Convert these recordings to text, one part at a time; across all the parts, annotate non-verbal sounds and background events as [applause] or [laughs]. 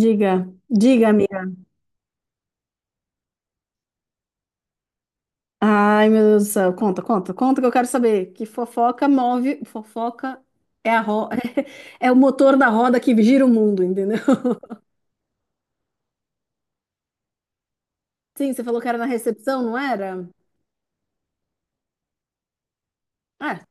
Diga, diga, amiga. Ai, meu Deus do céu, conta, conta, conta que eu quero saber. Que fofoca move, fofoca é a [laughs] é o motor da roda que gira o mundo, entendeu? [laughs] Sim, você falou que era na recepção, não era? É,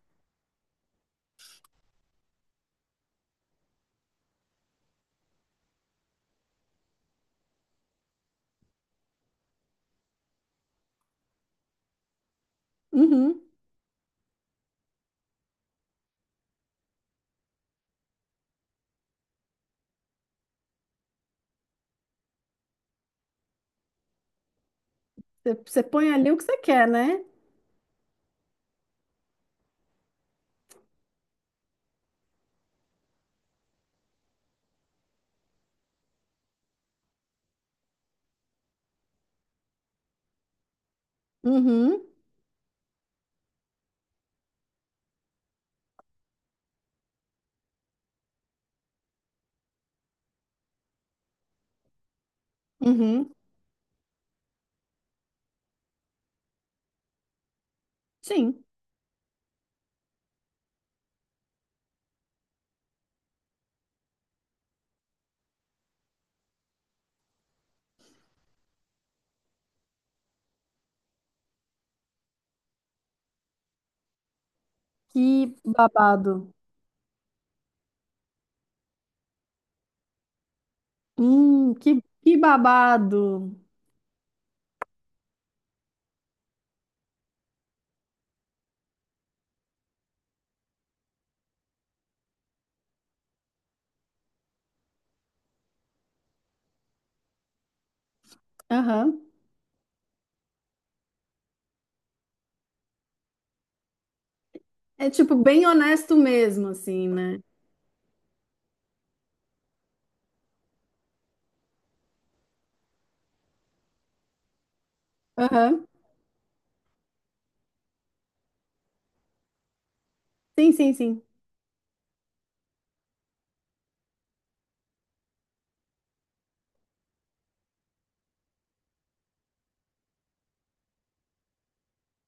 uhum. Você põe ali o que você quer, né? Uhum, uhum, sim. Que babado. Que babado. Aham. É tipo bem honesto mesmo, assim, né? Aham. Sim, sim, sim.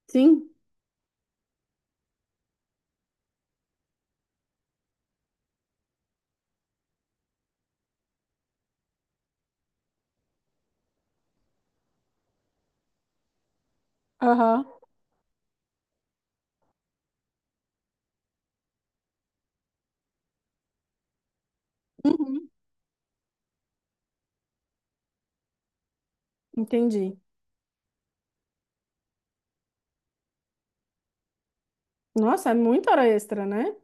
Sim. Aham. Uhum. Entendi. Nossa, é muita hora extra, né?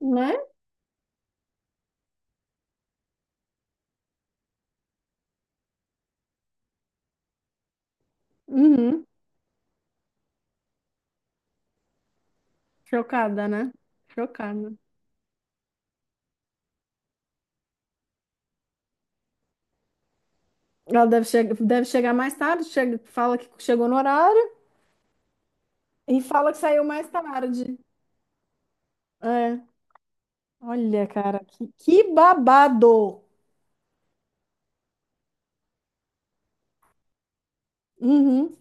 Né? Uhum. Chocada, né? Chocada. Ela deve, che deve chegar mais tarde, chega, fala que chegou no horário e fala que saiu mais tarde. É. Olha, cara, que babado. Uhum.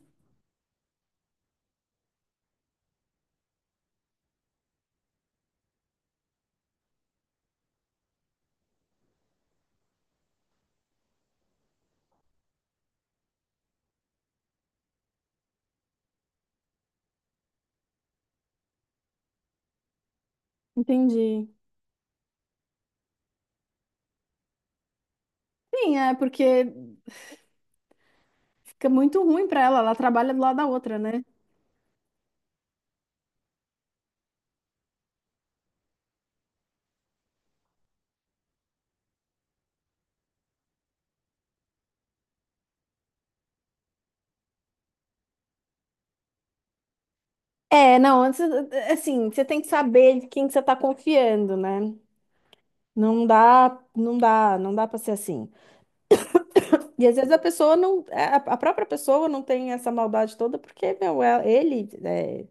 Entendi. Sim, é porque fica muito ruim pra ela. Ela trabalha do lado da outra, né? É, não, antes, assim, você tem que saber de quem que você tá confiando, né? Não dá, não dá, não dá para ser assim. E às vezes a pessoa não, a própria pessoa não tem essa maldade toda, porque, meu, é,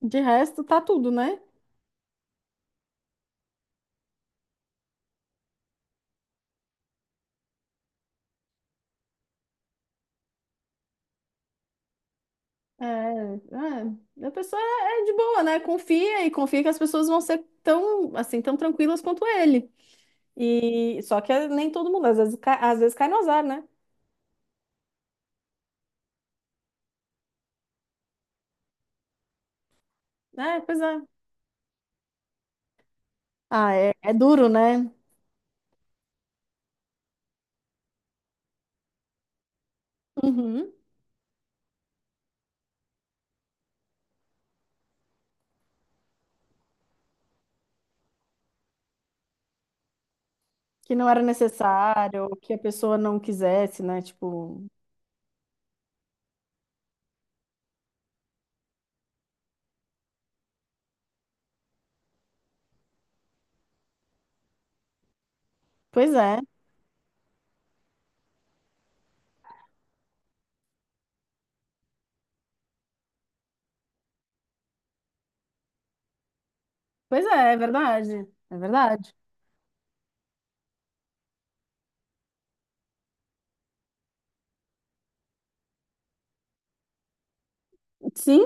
de resto, tá tudo, né? É, é, a pessoa é é de boa, né? Confia e confia que as pessoas vão ser tão, assim, tão tranquilas quanto ele. E só que é, nem todo mundo, às vezes cai no azar, né? É, pois é. Ah, é, é duro, né? Uhum. Que não era necessário, que a pessoa não quisesse, né? Tipo, pois é, é verdade, é verdade. Sim,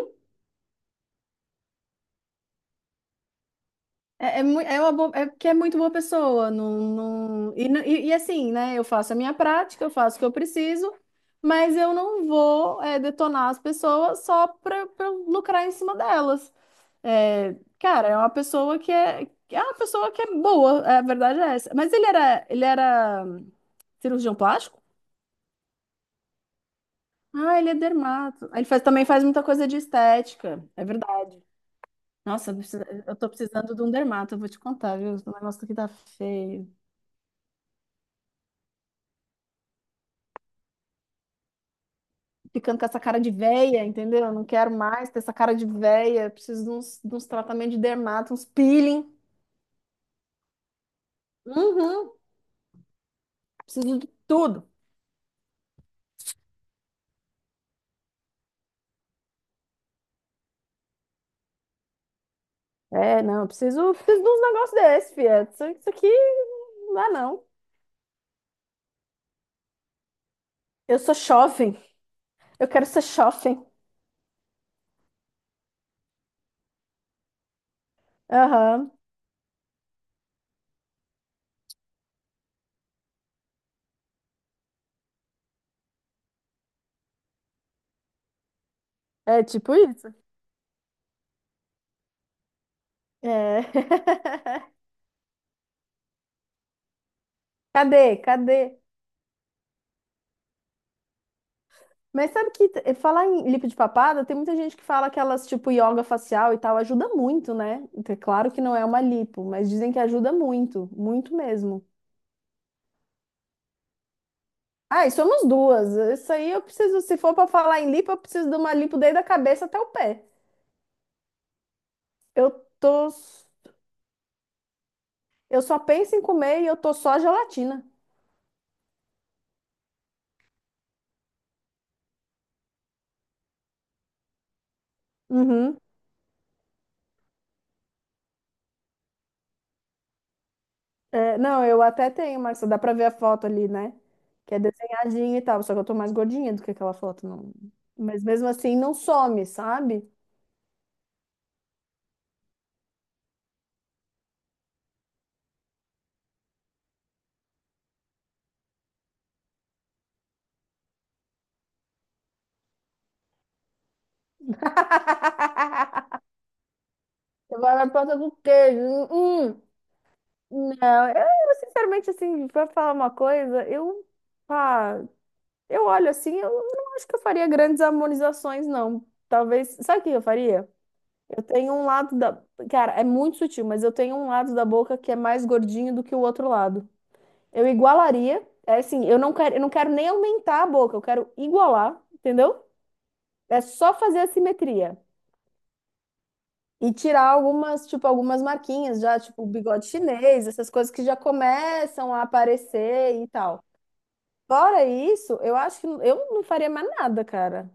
é, é uma boa, é porque é muito boa pessoa. Não, não, e assim, né? Eu faço a minha prática, eu faço o que eu preciso, mas eu não vou é, detonar as pessoas só para lucrar em cima delas. É, cara, é uma pessoa que é uma pessoa que é boa, é, a verdade é essa. Ele era cirurgião plástico? Ah, ele é dermato. Ele faz, também faz muita coisa de estética, é verdade. Nossa, eu tô precisando de um dermato, eu vou te contar, viu? O negócio aqui tá feio. Ficando com essa cara de véia, entendeu? Eu não quero mais ter essa cara de véia. Eu preciso de uns tratamentos de dermato, uns peeling. Uhum, preciso de tudo. É, não, eu preciso, preciso de uns negócios desses, fia. Isso aqui não dá, não. Eu sou jovem. Eu quero ser jovem. Aham. É tipo isso. É. [laughs] Cadê? Cadê? Mas sabe que falar em lipo de papada, tem muita gente que fala que elas, tipo, yoga facial e tal, ajuda muito, né? Então, é claro que não é uma lipo, mas dizem que ajuda muito, muito mesmo. Ah, e somos duas. Isso aí eu preciso, se for pra falar em lipo, eu preciso de uma lipo desde a cabeça até o pé. Eu tô, eu só penso em comer e eu tô só gelatina. Uhum. É, não, eu até tenho, Marcia, dá pra ver a foto ali, né? Que é desenhadinha e tal, só que eu tô mais gordinha do que aquela foto, não. Mas mesmo assim não some, sabe? Eu vou na porta com queijo. Hum, não, sinceramente, assim, pra falar uma coisa, pá, eu olho assim, eu não acho que eu faria grandes harmonizações, não. Talvez, sabe o que eu faria? Eu tenho um lado da, cara, é muito sutil, mas eu tenho um lado da boca que é mais gordinho do que o outro lado. Eu igualaria, é assim, eu não quero nem aumentar a boca, eu quero igualar, entendeu? É só fazer a simetria. E tirar algumas, tipo, algumas marquinhas já, tipo, o bigode chinês, essas coisas que já começam a aparecer e tal. Fora isso, eu acho que eu não faria mais nada, cara.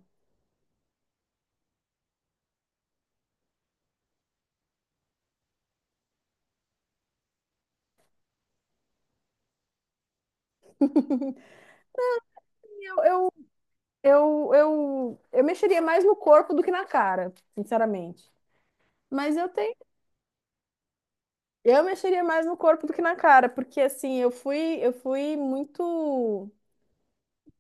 Eu, eu, eu mexeria mais no corpo do que na cara, sinceramente. Mas eu tenho. Eu mexeria mais no corpo do que na cara, porque assim, eu fui muito.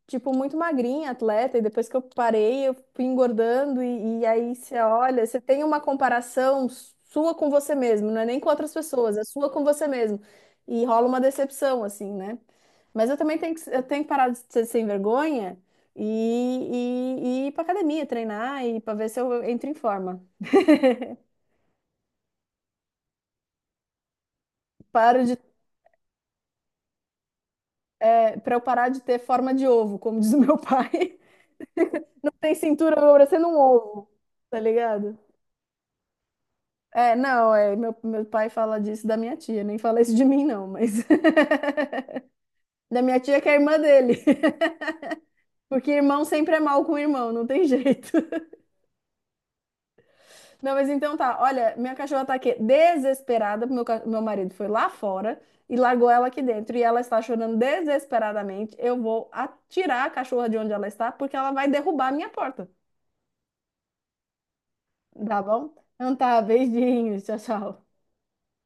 Tipo, muito magrinha, atleta, e depois que eu parei, eu fui engordando, e aí você olha, você tem uma comparação sua com você mesmo, não é nem com outras pessoas, é sua com você mesmo. E rola uma decepção, assim, né? Mas eu também eu tenho que parar de ser sem vergonha e, e ir pra academia, treinar e para ver se eu entro em forma. Paro de, para eu parar de ter forma de ovo, como diz o meu pai. [laughs] Tem cintura, eu vou parecendo um ovo, tá ligado? É, não, é, meu pai fala disso da minha tia, nem fala isso de mim, não, mas [laughs] da minha tia que é irmã dele, [laughs] porque irmão sempre é mal com irmão, não tem jeito. [laughs] Não, mas então tá, olha, minha cachorra tá aqui desesperada, porque meu marido foi lá fora e largou ela aqui dentro, e ela está chorando desesperadamente. Eu vou atirar a cachorra de onde ela está, porque ela vai derrubar a minha porta, tá bom? Então tá, beijinhos, tchau, tchau.